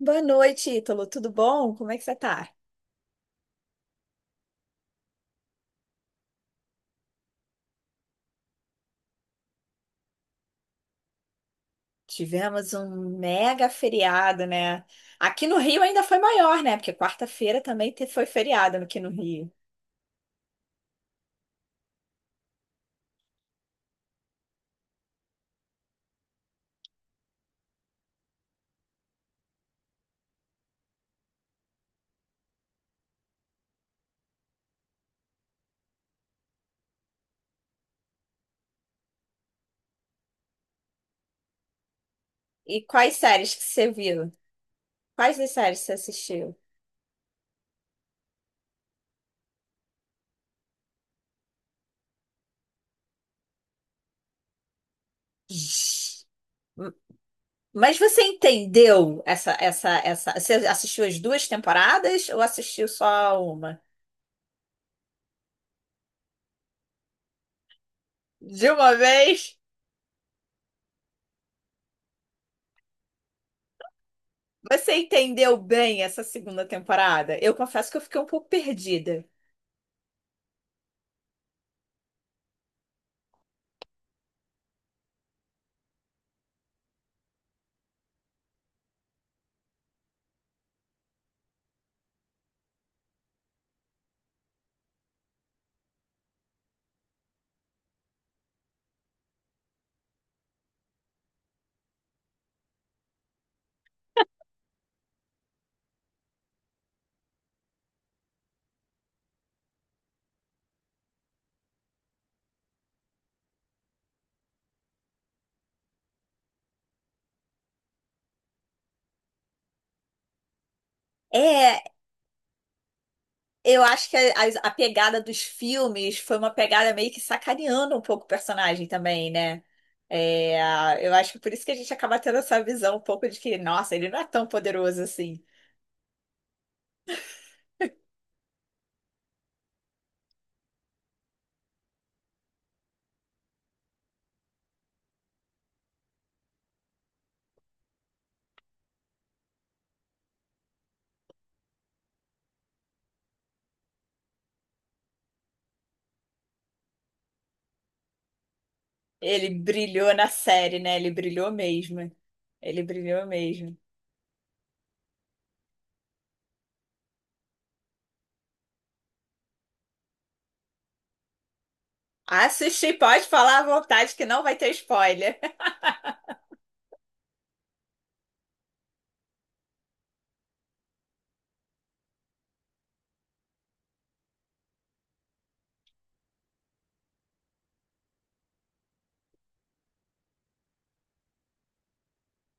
Boa noite, Ítalo. Tudo bom? Como é que você tá? Tivemos um mega feriado, né? Aqui no Rio ainda foi maior, né? Porque quarta-feira também foi feriado aqui no Rio. E quais séries que você viu? Quais das séries você assistiu? Zzz. Mas você entendeu essa? Você assistiu as duas temporadas ou assistiu só uma? De uma vez? Você entendeu bem essa segunda temporada? Eu confesso que eu fiquei um pouco perdida. É, Eu acho que a pegada dos filmes foi uma pegada meio que sacaneando um pouco o personagem também, né? É, eu acho que por isso que a gente acaba tendo essa visão um pouco de que, nossa, ele não é tão poderoso assim. Ele brilhou na série, né? Ele brilhou mesmo. Ele brilhou mesmo. Assistir, pode falar à vontade que não vai ter spoiler.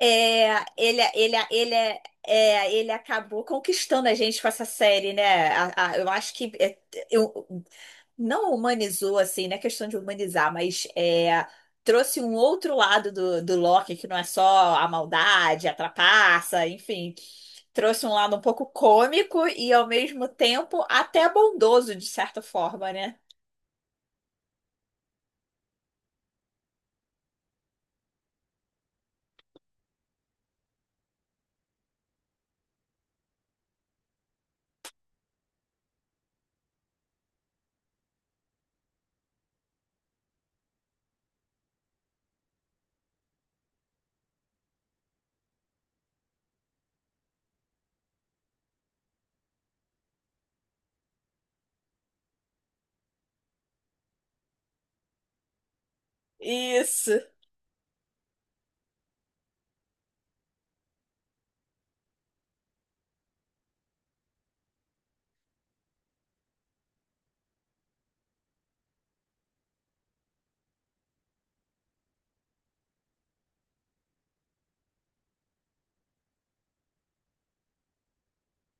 É, ele, é, ele acabou conquistando a gente com essa série, né? Eu acho que eu não humanizou, assim, não é questão de humanizar, mas é, trouxe um outro lado do, do Loki, que não é só a maldade, a trapaça, enfim. Trouxe um lado um pouco cômico e, ao mesmo tempo, até bondoso, de certa forma, né? Isso.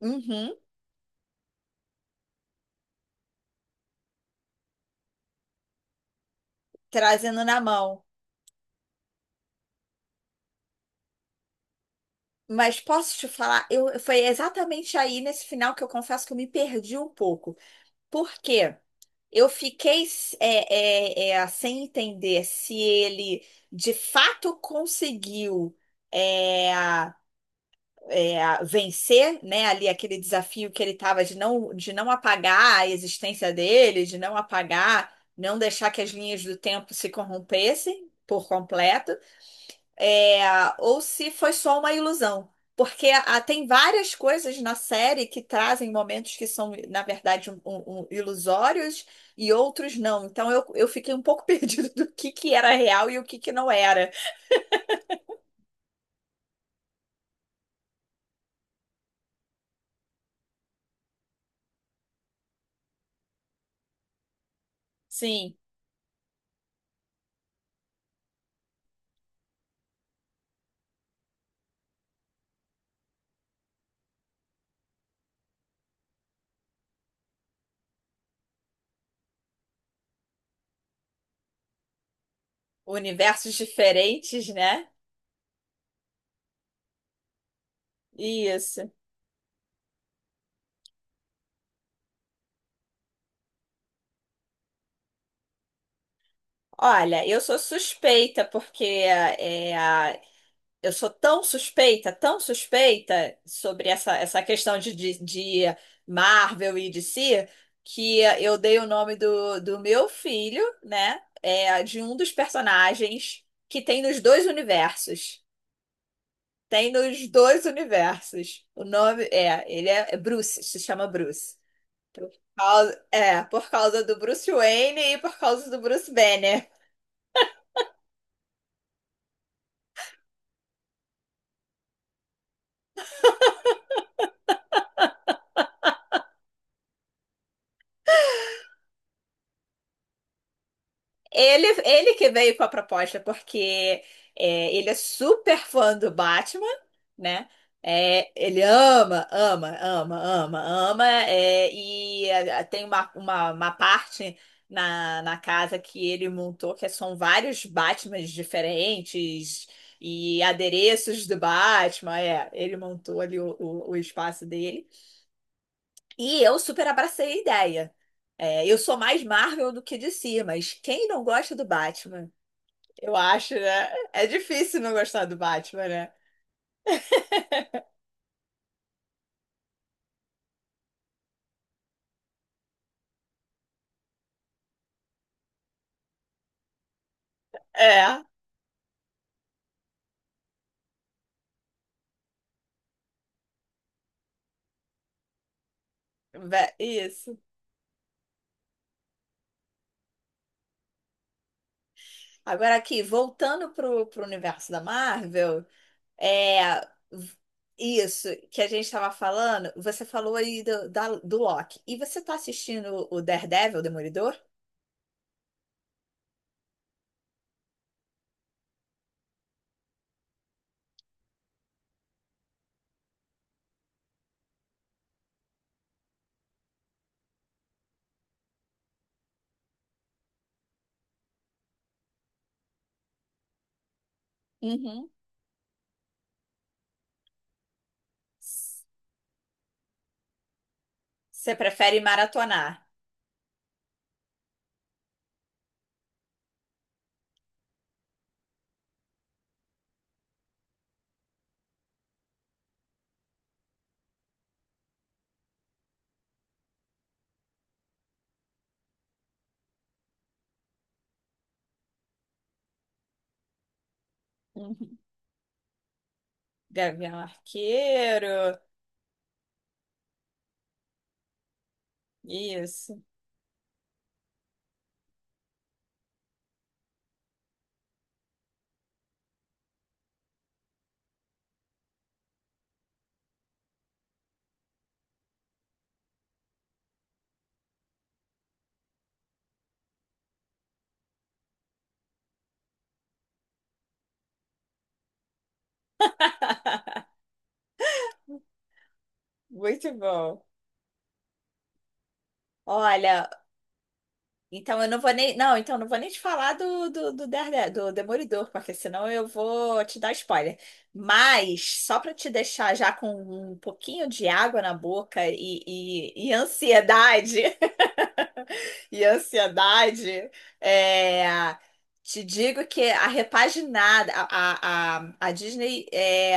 Uhum. Trazendo na mão. Mas posso te falar, eu, foi exatamente aí nesse final que eu confesso que eu me perdi um pouco. Por quê? Eu fiquei sem entender se ele de fato conseguiu é, vencer, né, ali aquele desafio que ele estava de não apagar a existência dele, de não apagar, não deixar que as linhas do tempo se corrompessem por completo, é, ou se foi só uma ilusão. Porque ah, tem várias coisas na série que trazem momentos que são, na verdade, ilusórios e outros não. Então eu fiquei um pouco perdido do que era real e o que, que não era. Sim, universos diferentes, né? Isso. Olha, eu sou suspeita porque é. Eu sou tão suspeita sobre essa questão de, de Marvel e D C, que eu dei o nome do, do meu filho, né? É, de um dos personagens que tem nos dois universos. Tem nos dois universos. O nome é, é Bruce, se chama Bruce. É, por causa do Bruce Wayne e por causa do Bruce Banner. Ele que veio com a proposta, porque é, ele é super fã do Batman, né? É, ele ama. É, e é, tem uma parte na casa que ele montou que são vários Batmans diferentes e adereços do Batman. É, ele montou ali o espaço dele. E eu super abracei a ideia. É, eu sou mais Marvel do que DC, mas quem não gosta do Batman? Eu acho, né? É difícil não gostar do Batman, né? É, isso. Agora aqui, voltando pro, pro universo da Marvel, é, isso que a gente estava falando, você falou aí do, da, do Loki. E você tá assistindo o Daredevil, o Demolidor? Uhum. Você prefere maratonar? Uhum. Gavião Arqueiro, isso. Muito bom. Olha, então eu não vou nem. Não, então eu não vou nem te falar do Demolidor, porque senão eu vou te dar spoiler. Mas, só para te deixar já com um pouquinho de água na boca e, e ansiedade, e a ansiedade, é, te digo que a repaginada, a Disney é,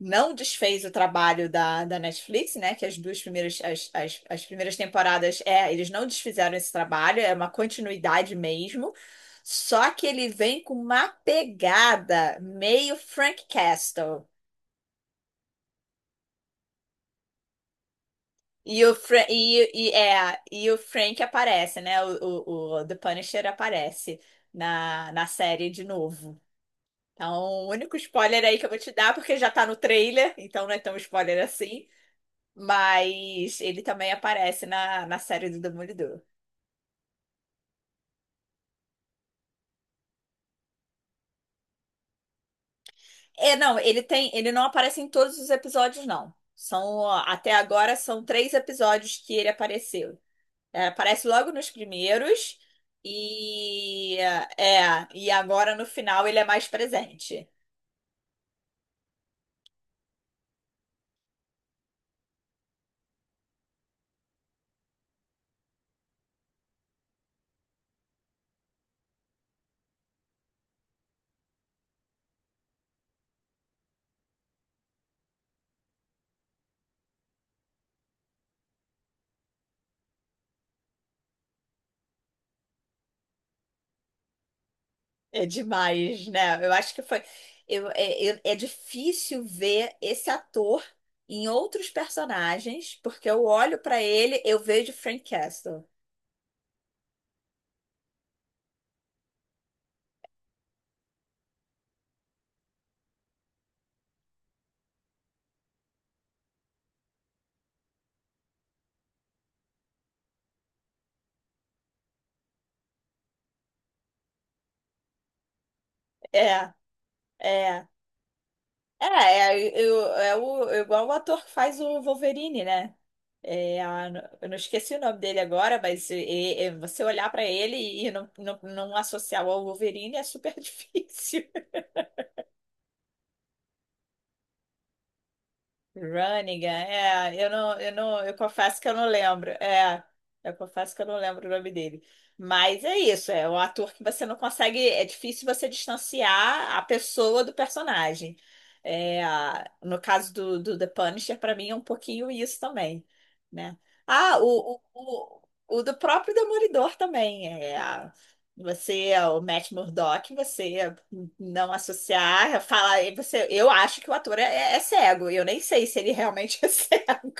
não desfez o trabalho da, da Netflix, né? Que as duas primeiras, as primeiras temporadas, é, eles não desfizeram esse trabalho, é uma continuidade mesmo. Só que ele vem com uma pegada meio Frank Castle. E o, Fra e, é, e o Frank aparece, né? O The Punisher aparece na série de novo. Então, o único spoiler aí que eu vou te dar, porque já tá no trailer, então não é tão spoiler assim. Mas ele também aparece na série do Demolidor. É, não, ele não aparece em todos os episódios, não. São, ó, até agora são três episódios que ele apareceu. É, aparece logo nos primeiros e é, e agora no final ele é mais presente. É demais, né? Eu acho que foi. É difícil ver esse ator em outros personagens, porque eu olho pra ele, eu vejo Frank Castle. É, é. É, é, é igual o ator que faz o Wolverine, né? É, a- eu não esqueci o nome dele agora, mas você olhar pra ele e não associar ao Wolverine é super difícil. Runnigan, é, é, eu não, eu confesso que eu não lembro, é, eu confesso que eu não lembro o nome dele, mas é isso, é um ator que você não consegue, é difícil você distanciar a pessoa do personagem, é, no caso do, do The Punisher, para mim é um pouquinho isso também, né? Ah, o do próprio Demolidor também, é, você é o Matt Murdock, você não associar, falar, você, eu acho que o ator é, é cego, eu nem sei se ele realmente é cego.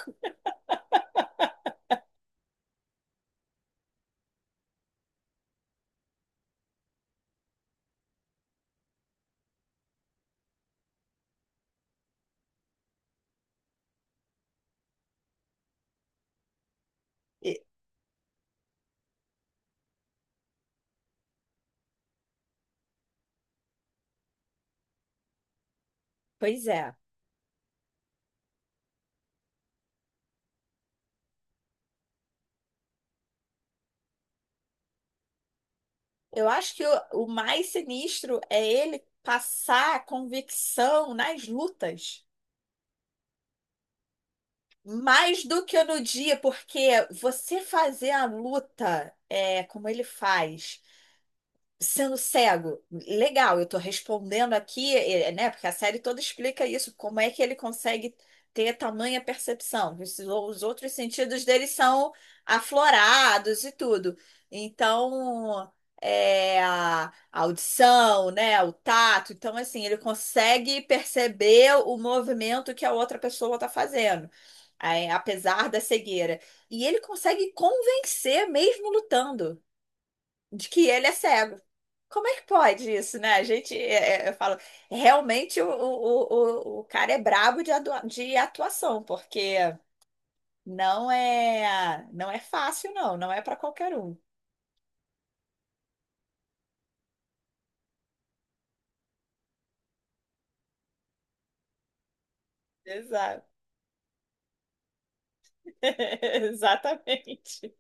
E- Pois é. Eu acho que o mais sinistro é ele passar convicção nas lutas, mais do que no dia, porque você fazer a luta é, como ele faz, sendo cego. Legal, eu estou respondendo aqui, eh, né? Porque a série toda explica isso, como é que ele consegue ter tamanha percepção. Esses- Os outros sentidos dele são aflorados e tudo. Então, é, a audição, né? O tato. Então, assim, ele consegue perceber o movimento que a outra pessoa está fazendo, eh, apesar da cegueira. E ele consegue convencer mesmo lutando de que ele é cego. Como é que pode isso, né? A gente, é, é, eu falo, realmente o cara é brabo de, de atuação, porque não é, não é fácil, não, não é para qualquer um. Exato. Exatamente.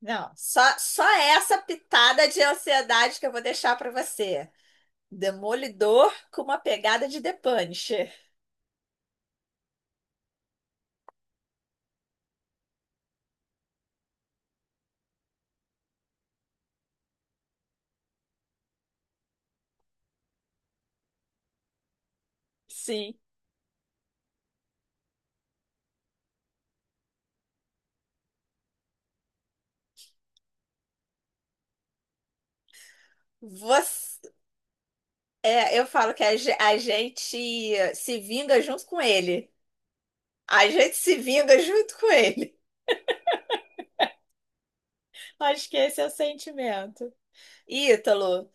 Não, só essa pitada de ansiedade que eu vou deixar para você. Demolidor com uma pegada de The Punisher. Sim. Você. É, eu falo que a gente se vinga junto com ele. A gente se vinga junto com ele. Acho que esse é o sentimento. Ítalo.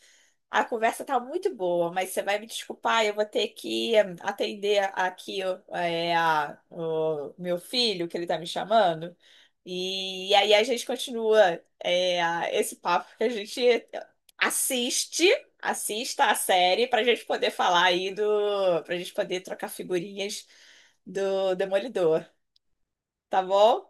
A conversa tá muito boa, mas você vai me desculpar, eu vou ter que eh, atender aqui ó, eh, o meu filho, que ele tá me chamando. E, aí a gente continua eh, esse papo que a gente assiste, assista a série pra gente poder falar aí do, pra gente poder trocar figurinhas do Demolidor, tá bom?